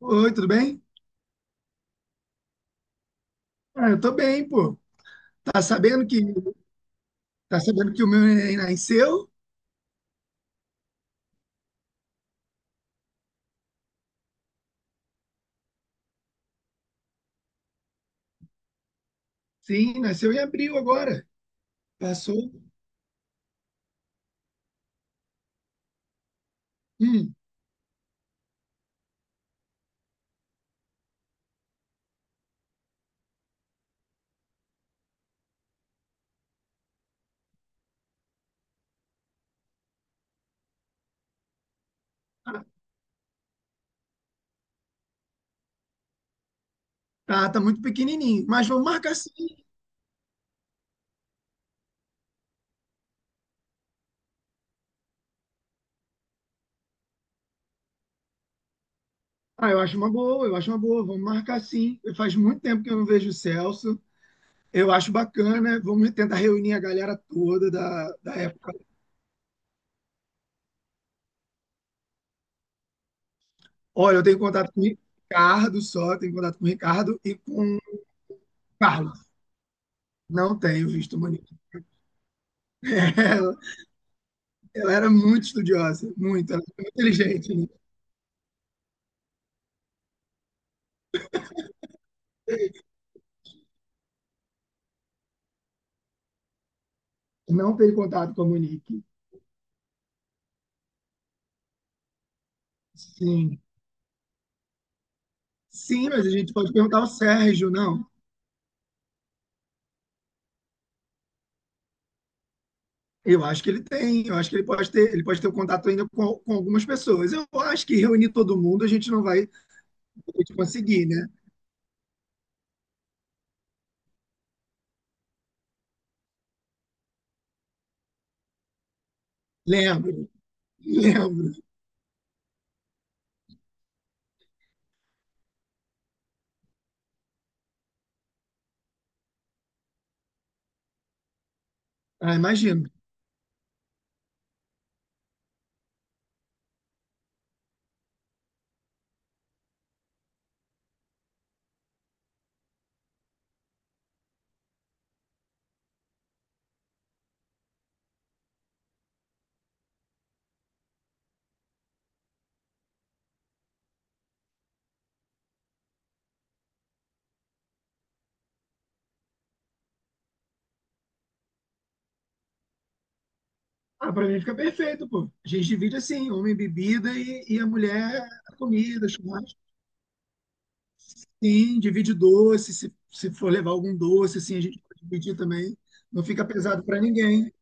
Oi, tudo bem? Ah, eu tô bem, pô. Tá sabendo que tá sabendo que o meu neném nasceu? Sim, nasceu em abril agora. Passou. Hum, tá, tá muito pequenininho, mas vamos marcar sim. Ah, eu acho uma boa, eu acho uma boa. Vamos marcar sim. Faz muito tempo que eu não vejo o Celso. Eu acho bacana. Vamos tentar reunir a galera toda da época. Olha, eu tenho contato com o Ricardo só, tenho contato com o Ricardo e com o Carlos. Não tenho visto o Monique. Ela era muito estudiosa, muito, ela era muito inteligente, né? Não teve contato com a Monique. Sim. Sim, mas a gente pode perguntar ao Sérgio, não. Eu acho que ele tem, eu acho que ele pode ter o contato ainda com algumas pessoas. Eu acho que reunir todo mundo a gente não vai a gente conseguir, né? Lembro, lembro. Ah, imagino. Ah, pra mim fica perfeito, pô. A gente divide assim, homem bebida e a mulher a comida, churrasco. Sim, divide doce, se for levar algum doce, assim, a gente pode dividir também. Não fica pesado para ninguém.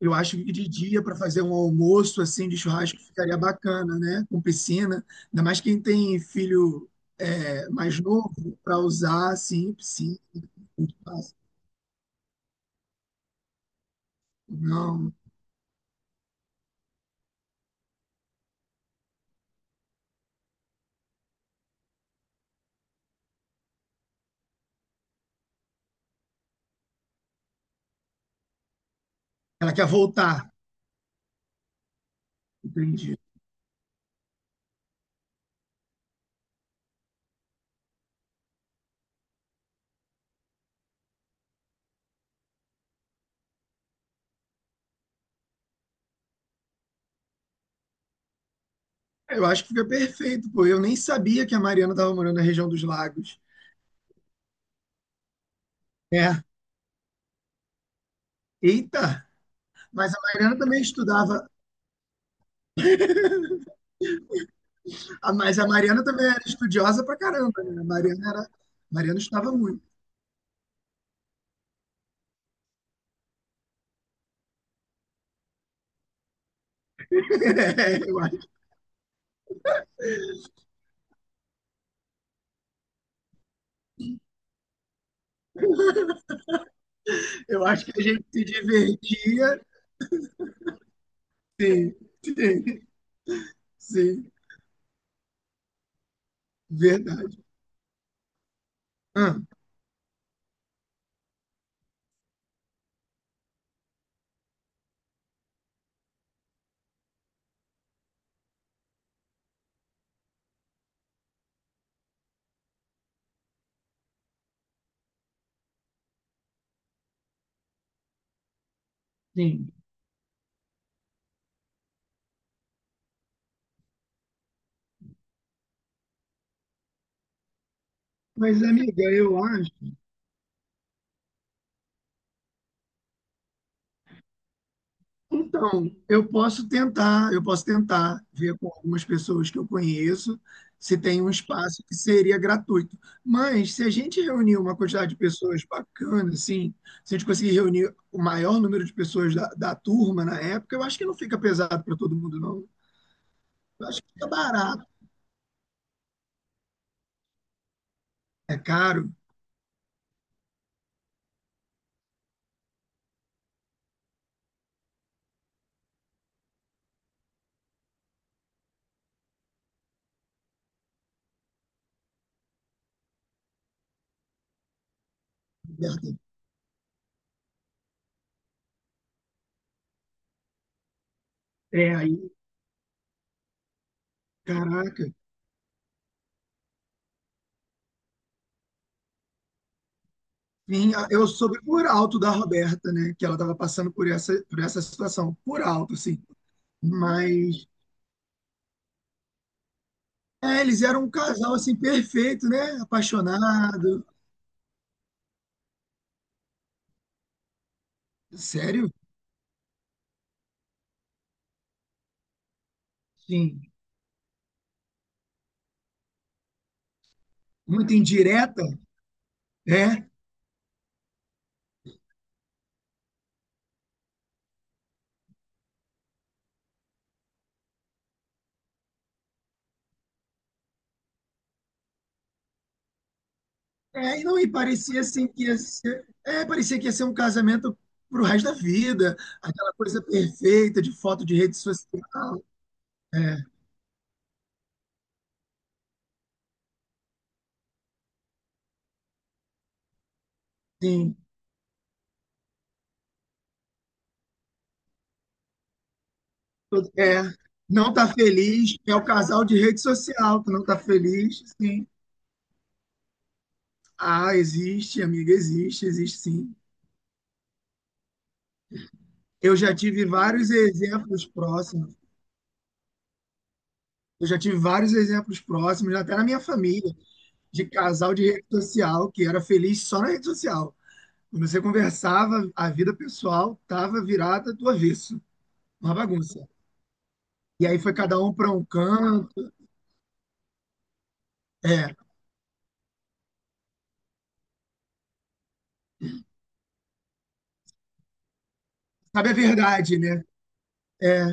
Eu acho que de dia para fazer um almoço assim de churrasco ficaria bacana, né? Com piscina, ainda mais quem tem filho é, mais novo para usar, assim, piscina. Espaço. Não, ela quer voltar, entendi. Eu acho que fica perfeito, pô. Eu nem sabia que a Mariana estava morando na região dos lagos. É. Eita! Mas a Mariana também estudava. Ah, mas a Mariana também era estudiosa pra caramba, né? A Mariana era. A Mariana estudava muito. É, eu acho que a gente se divertia. Sim, sim, sim, verdade. Ah, sim. Mas, amiga, eu acho. Então, eu posso tentar ver com algumas pessoas que eu conheço se tem um espaço que seria gratuito. Mas se a gente reunir uma quantidade de pessoas bacana, assim, se a gente conseguir reunir o maior número de pessoas da turma na época, eu acho que não fica pesado para todo mundo, não. Eu acho que fica barato. É caro, Roberta. É aí, caraca. Sim, a- eu soube por alto da Roberta, né? Que ela estava passando por essa situação, por alto, assim. Mas é, eles eram um casal assim perfeito, né? Apaixonado. Sério? Sim. Muito indireta, né? É, e não, e parecia assim que ia ser, é, parecia que ia ser um casamento pro resto da vida, aquela coisa perfeita de foto de rede social. É, sim. Todo- é, não tá feliz, é o casal de rede social que não tá feliz, sim. Ah, existe, amiga, existe, existe sim. Eu já tive vários exemplos próximos. Eu já tive vários exemplos próximos, até na minha família, de casal de rede social que era feliz só na rede social. Quando você conversava, a vida pessoal estava virada do avesso, uma bagunça. E aí foi cada um para um canto. É, sabe a verdade, né? É,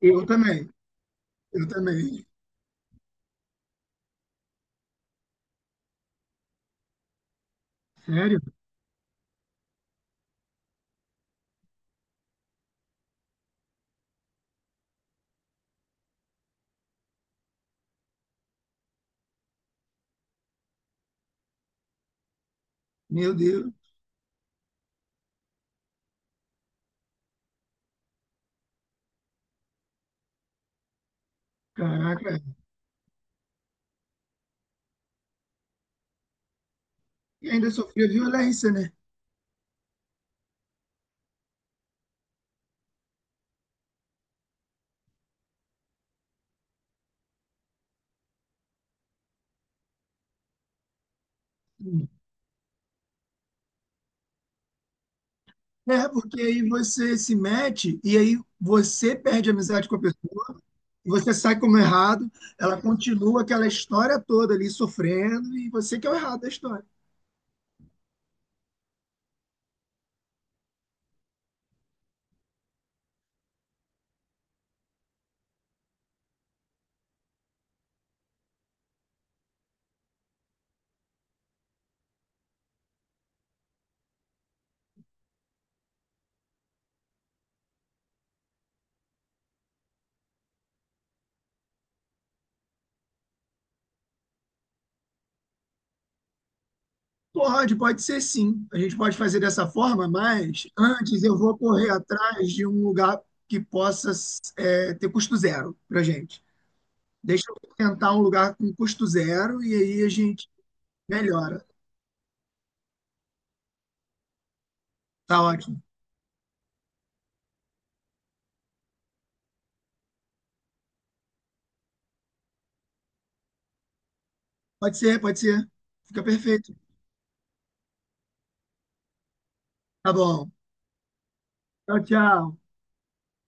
eu também, eu também. Sério? Meu Deus, caraca. E ainda sofria violência, né? Hum. É, porque aí você se mete e aí você perde a amizade com a pessoa. E você sai como errado, ela continua aquela história toda ali sofrendo e você que é o errado da história. Pode, pode ser sim. A gente pode fazer dessa forma, mas antes eu vou correr atrás de um lugar que possa é, ter custo zero pra gente. Deixa eu tentar um lugar com custo zero e aí a gente melhora. Tá ótimo. Pode ser, pode ser. Fica perfeito. Tá bom. Tchau, tchau.